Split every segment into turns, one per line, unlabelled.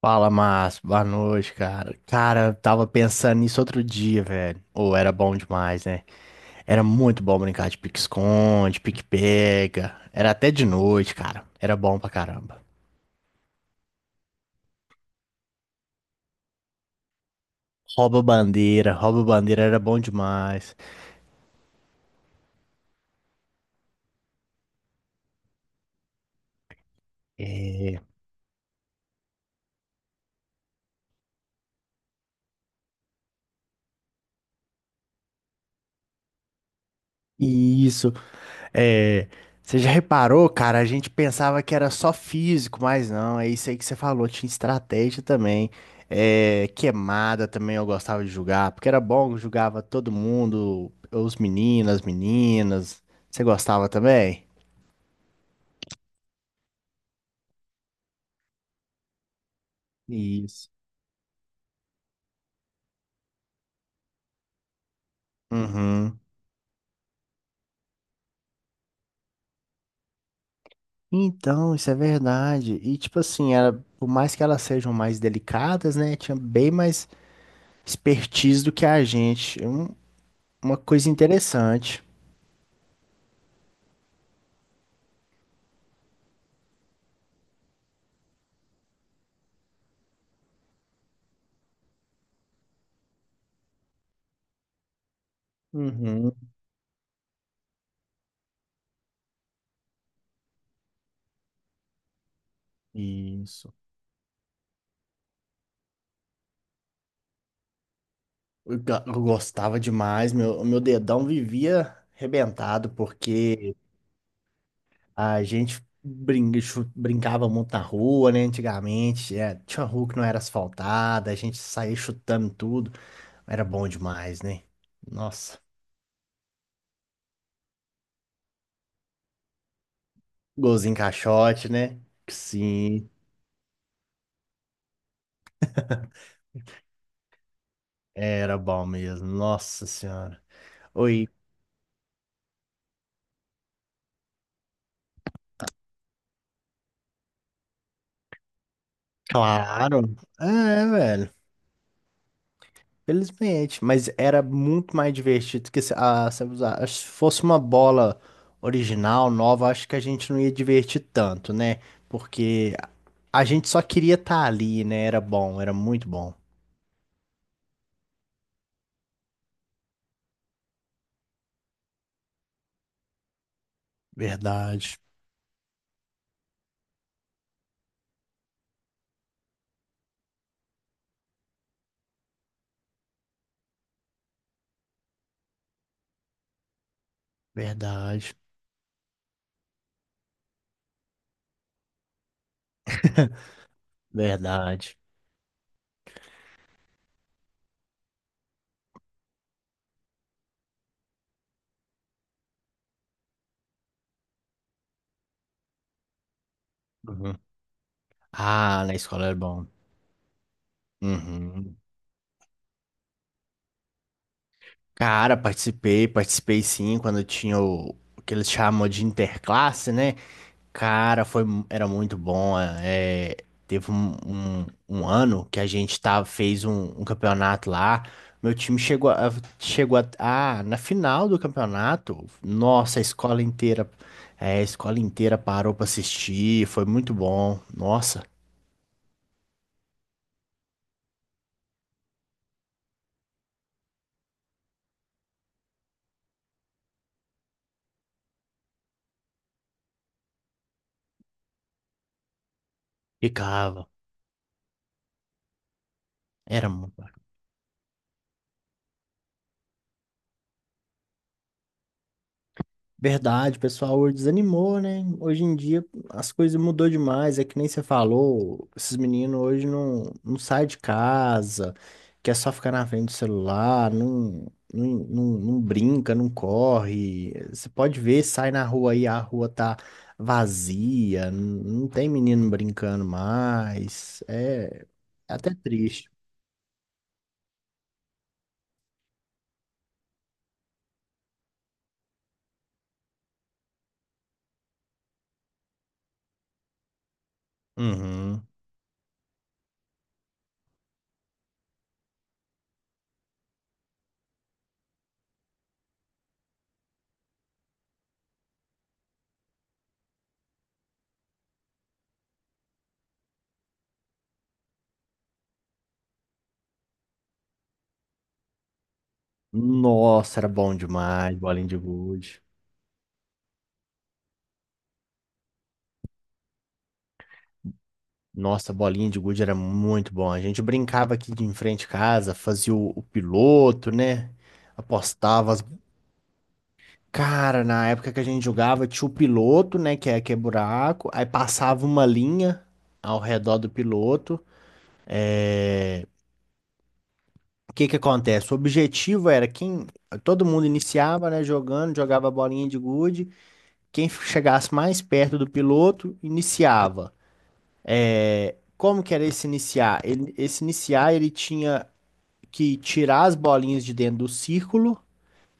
Fala, Márcio. Boa noite, cara. Cara, eu tava pensando nisso outro dia, velho. Ou era bom demais, né? Era muito bom brincar de pique-esconde, pique-pega. Era até de noite, cara. Era bom pra caramba. Rouba bandeira era bom demais. É. Isso. É, você já reparou, cara? A gente pensava que era só físico, mas não, é isso aí que você falou, tinha estratégia também. É, queimada também eu gostava de jogar, porque era bom, eu jogava todo mundo, os meninos, as meninas. Você gostava também? Isso. Uhum. Então, isso é verdade. E tipo assim, era, por mais que elas sejam mais delicadas, né? Tinha bem mais expertise do que a gente. Uma coisa interessante. Uhum. Isso. Eu gostava demais, meu dedão vivia arrebentado, porque a gente brinca- chu- brincava muito na rua, né? Antigamente, é, tinha rua que não era asfaltada, a gente saía chutando tudo. Era bom demais, né? Nossa, golzinho caixote, né? Sim, era bom mesmo. Nossa Senhora. Oi, claro. É, velho. Felizmente, mas era muito mais divertido que se usar. Acho que se fosse uma bola original, nova, acho que a gente não ia divertir tanto, né? Porque a gente só queria estar ali, né? Era bom, era muito bom. Verdade, verdade, verdade. Uhum. Ah, na escola era bom. Uhum. Cara, participei, participei sim, quando tinha o que eles chamam de interclasse, né? Cara, era muito bom. Teve um ano que a gente tava, fez um campeonato lá. Meu time chegou na final do campeonato. Nossa, a escola inteira, é, a escola inteira parou pra assistir. Foi muito bom. Nossa, ficava. Era muito. Verdade, o pessoal desanimou, né? Hoje em dia as coisas mudou demais, é que nem você falou, esses meninos hoje não, não saem de casa, quer só ficar na frente do celular, não, não brinca, não corre. Você pode ver, sai na rua aí, a rua tá vazia, não, não tem menino brincando mais, é, é até triste. Uhum. Nossa, era bom demais, bolinha de gude. Nossa, bolinha de gude era muito bom. A gente brincava aqui de em frente de casa, fazia o piloto, né? Apostava as... Cara, na época que a gente jogava, tinha o piloto, né? Que é buraco. Aí passava uma linha ao redor do piloto. O que que acontece? O objetivo era quem... Todo mundo iniciava, né? Jogando, jogava a bolinha de gude. Quem chegasse mais perto do piloto, iniciava. É, como que era esse iniciar? Esse iniciar, ele tinha que tirar as bolinhas de dentro do círculo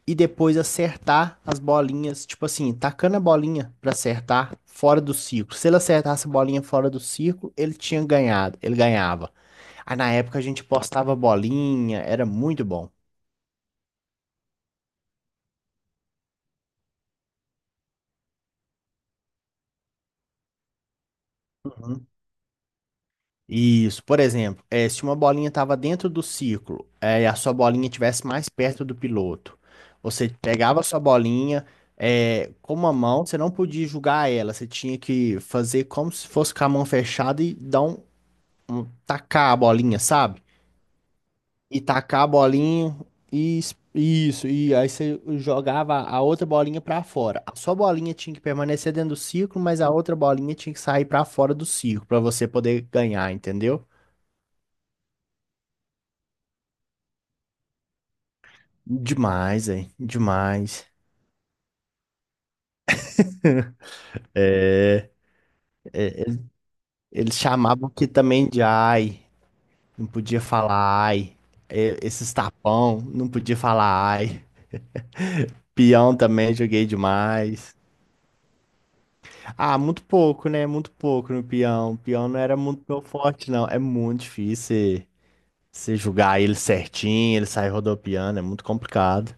e depois acertar as bolinhas, tipo assim, tacando a bolinha pra acertar fora do círculo. Se ele acertasse a bolinha fora do círculo, ele tinha ganhado, ele ganhava. Aí na época a gente postava bolinha, era muito bom. Isso, por exemplo, se uma bolinha estava dentro do círculo, e a sua bolinha estivesse mais perto do piloto, você pegava a sua bolinha, com uma mão, você não podia jogar ela, você tinha que fazer como se fosse com a mão fechada e dar tacar a bolinha, sabe? E tacar a bolinha isso, e aí você jogava a outra bolinha para fora. A sua bolinha tinha que permanecer dentro do círculo, mas a outra bolinha tinha que sair para fora do círculo para você poder ganhar, entendeu? Demais, é. Demais. É, eles chamavam aqui também de ai. Não podia falar ai. É, esses tapão, não podia falar ai. Peão também joguei demais. Ah, muito pouco, né? Muito pouco no peão. Peão não era muito meu forte, não. É muito difícil você julgar ele certinho, ele sair rodopiando, é muito complicado.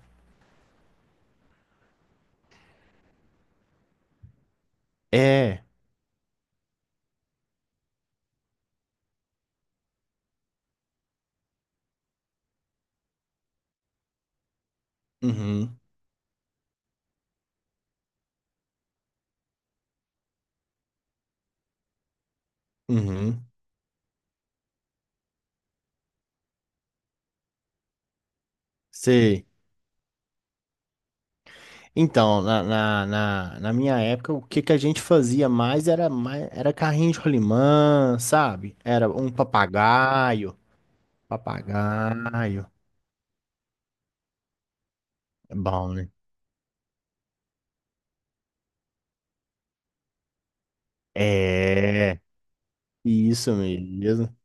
É. Uhum. Uhum. Você então, na minha época, o que que a gente fazia mais, era carrinho de rolimã, sabe? Era um papagaio. Papagaio. É bom, né? É, isso mesmo.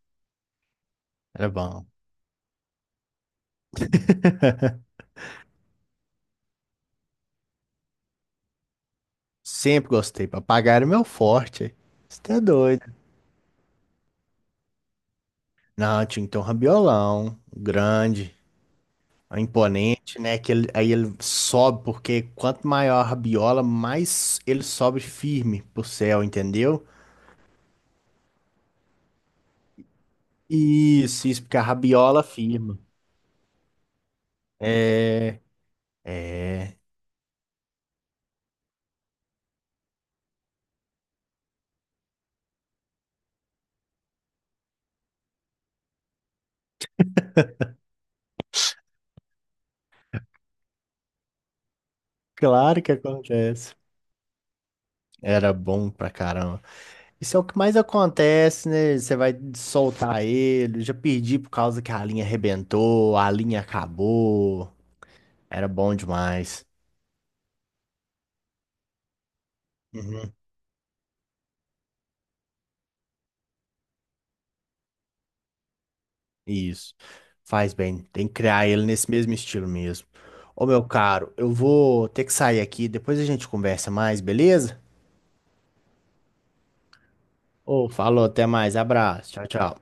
Era bom. Sempre gostei. Papagaio era meu forte. Você tá doido. Não, tinha que um rabiolão grande. É imponente, né? Que aí ele sobe, porque quanto maior a rabiola, mais ele sobe firme pro céu, entendeu? Isso, porque a rabiola firma. É, é, claro que acontece. Era bom pra caramba. Isso é o que mais acontece, né? Você vai soltar ele. Já perdi por causa que a linha arrebentou, a linha acabou. Era bom demais. Isso. Faz bem. Tem que criar ele nesse mesmo estilo mesmo. Ô, meu caro, eu vou ter que sair aqui. Depois a gente conversa mais, beleza? Ô, falou, até mais. Abraço. Tchau, tchau.